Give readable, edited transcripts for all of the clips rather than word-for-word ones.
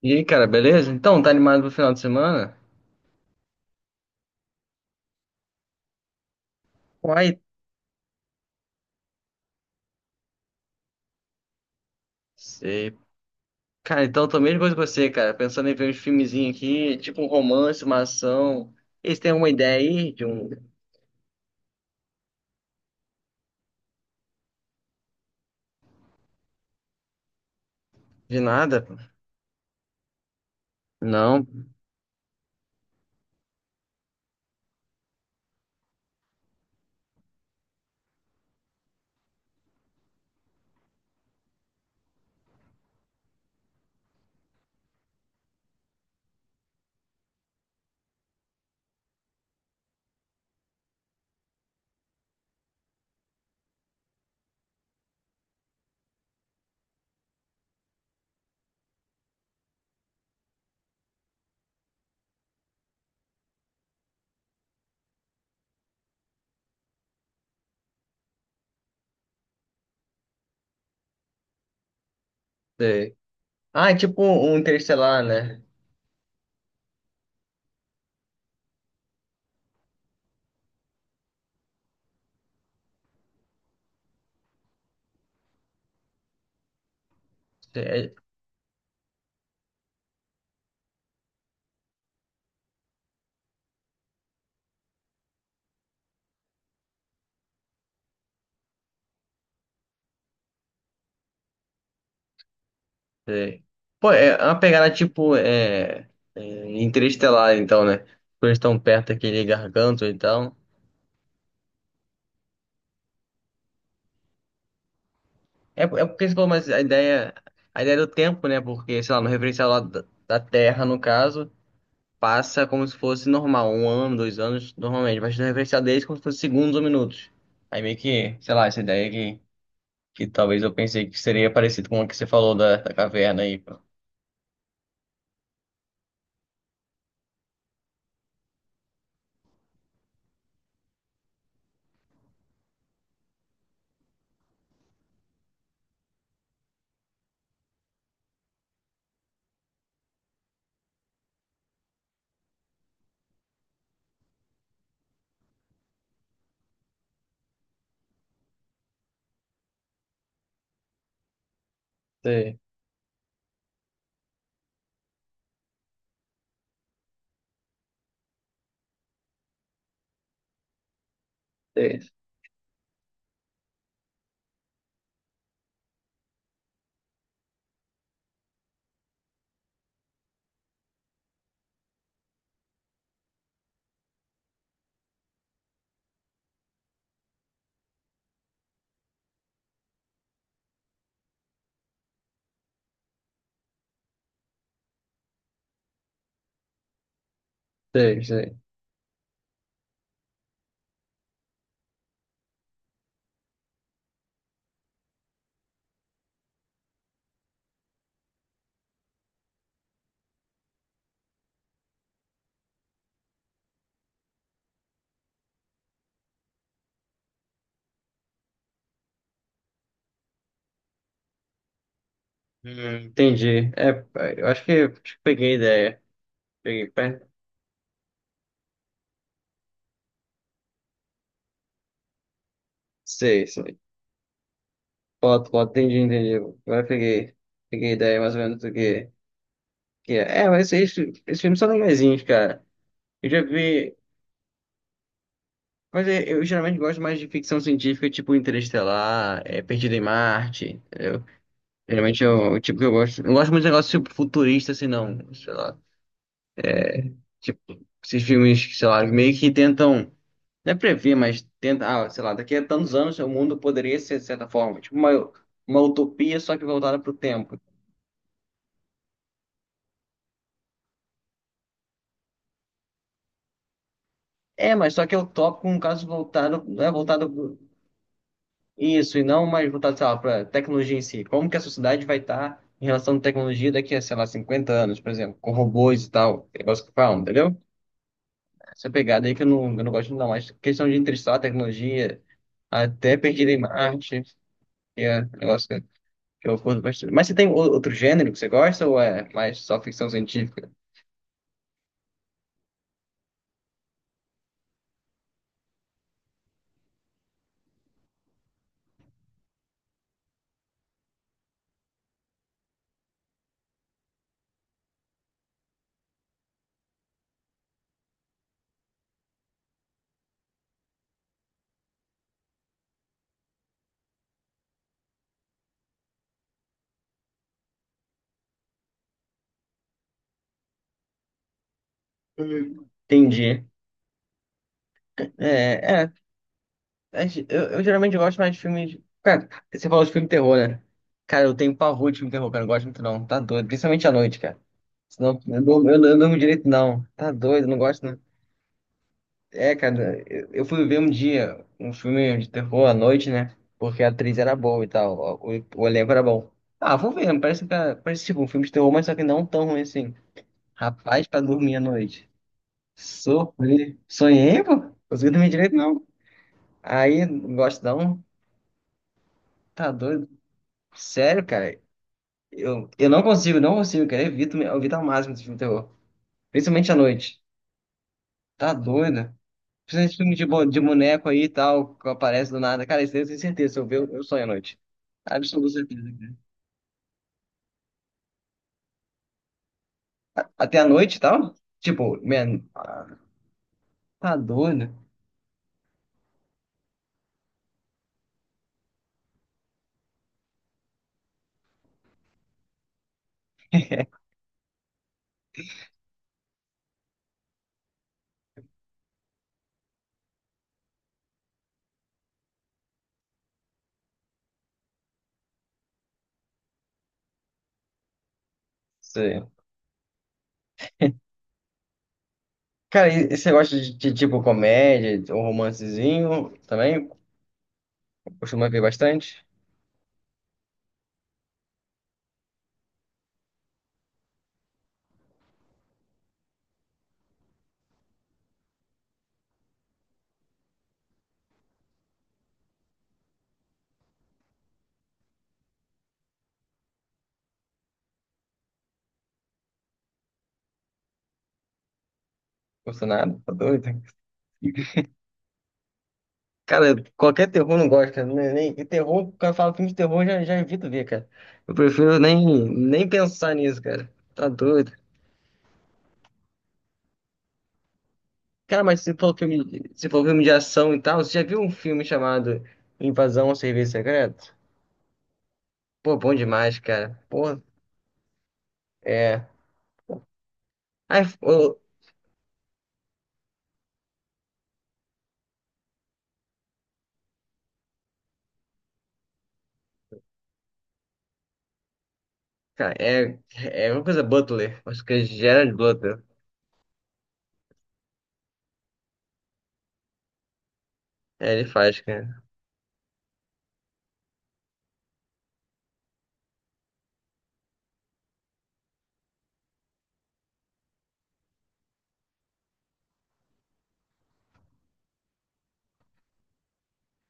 E aí, cara, beleza? Então, tá animado pro final de semana? Uai, sei. Cara, então eu tô a mesma coisa que você, cara. Pensando em ver uns filmezinhos aqui, tipo um romance, uma ação. Eles têm alguma ideia aí de um de nada? Não, sei. Ah, é tipo um Interestelar, né? Sei, sei. Pô, é uma pegada tipo é Interestelar, então, né? Porque eles estão perto daquele garganto, então. É porque você falou, mas a ideia do tempo, né? Porque, sei lá, no referencial lá da Terra, no caso. Passa como se fosse normal, um ano, 2 anos, normalmente, mas na referencial deles como se fosse segundos ou minutos. Aí meio que, sei lá, essa ideia que talvez eu pensei que seria parecido com o que você falou da caverna aí. Pô. Sei, sei, sei, sei. Entendi. É, eu acho que peguei a ideia. Peguei, pé. Sei, sei. Foto, foto, entendi, entendi. Agora peguei a ideia mais ou menos do que é. É, mas esses filmes são legaisinhos, cara. Eu já vi. Mas eu geralmente gosto mais de ficção científica, tipo Interestelar, Perdido em Marte, entendeu? Geralmente é o tipo que eu gosto. Eu gosto muito de negócio tipo, futurista, assim, não, sei lá. Tipo, esses filmes, que, sei lá, meio que tentam, não é prever, mas tenta, ah, sei lá, daqui a tantos anos o mundo poderia ser de certa forma, tipo uma utopia, só que voltada pro tempo. É, mas só que é utópico, um caso voltado, não é voltado. Isso, e não mais voltado, sei lá, para tecnologia em si. Como que a sociedade vai estar em relação à tecnologia daqui a, sei lá, 50 anos, por exemplo, com robôs e tal, negócio que falam, entendeu? Essa pegada aí que eu não gosto não, mas questão de interestelar tecnologia, até Perdido em Marte, que é um negócio que eu curto bastante. Mas você tem outro gênero que você gosta ou é mais só ficção científica? Hum. Entendi. É, é. Eu geralmente gosto mais de filmes. Cara, você falou de filme de terror, né? Cara, eu tenho pavor de filme de terror, cara. Eu não gosto muito, não. Tá doido. Principalmente à noite, cara. Senão eu não durmo direito, não. Tá doido, eu não gosto, não. É, cara, eu fui ver um dia um filme de terror à noite, né? Porque a atriz era boa e tal. O elenco era bom. Ah, vou ver. Parece tipo um filme de terror, mas só que não tão ruim assim. Rapaz, pra dormir à noite. Sofri. Sonhei, pô. Consegui dormir direito, não. Aí, não gosto não. Tá doido. Sério, cara, eu não consigo, cara. Eu evito ao máximo esse filme de terror. Principalmente à noite. Tá doido? Principalmente filme de boneco aí e tal, que aparece do nada. Cara, isso daí eu tenho certeza. Se eu ver, eu sonho à noite. Absoluta certeza. Cara. Até à noite e tal? Tipo, man, ah, tá doido? Sei. Cara, e você gosta de, tipo comédia ou romancezinho também? Costuma ver bastante? Gostou nada? Tá doido? Cara, qualquer terror não gosta, né? Nem, e terror, quando eu falo filme de terror, eu já evito ver, cara. Eu prefiro nem pensar nisso, cara. Tá doido. Cara, mas se for se for filme de ação e tal, você já viu um filme chamado Invasão ao Serviço Secreto? Pô, bom demais, cara. Pô, é. Ai, ô, cara, é uma coisa Butler. Acho que é Gerard Butler. É, ele faz, cara.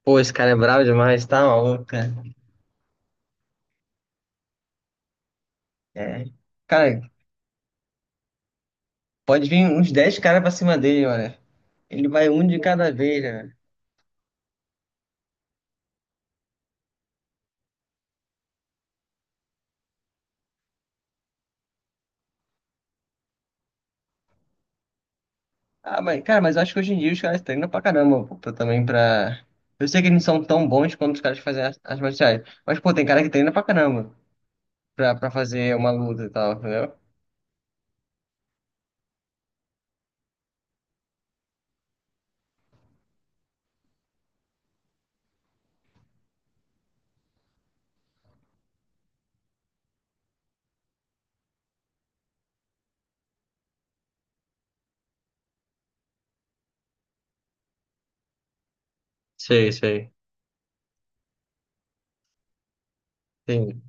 Pô, esse cara é bravo demais, tá maluco, cara. É. Cara, pode vir uns 10 caras pra cima dele, mano. Ele vai um de cada vez, né? Ah, mas, cara, mas eu acho que hoje em dia os caras treinam pra caramba, pô, também pra. Eu sei que eles não são tão bons quanto os caras que fazem as marciais. Mas, pô, tem cara que treina pra caramba pra fazer uma luta e tal, entendeu? Sei, sei. Sim.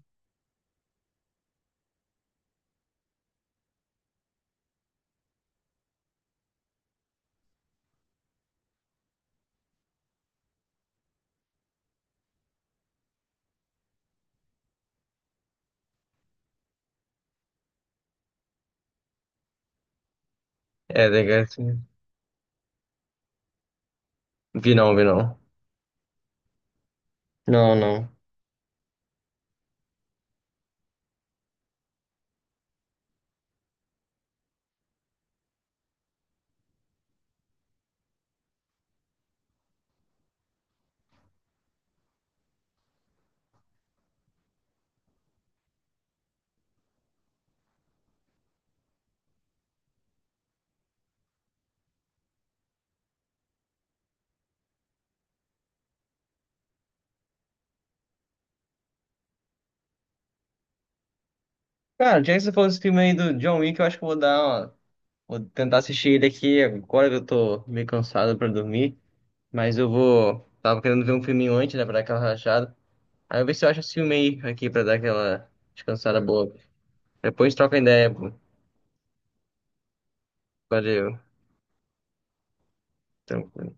É, legal. Sim. Vi não, vi não. Não, não. Cara, já que você falou desse filme aí do John Wick, eu acho que eu vou dar uma... Vou tentar assistir ele aqui agora que eu tô meio cansado pra dormir. Mas eu vou. Tava querendo ver um filminho antes, né? Pra dar aquela relaxada. Aí eu ver se eu acho esse filme aí aqui pra dar aquela descansada boa. Depois troca ideia, pô. Valeu. Tranquilo.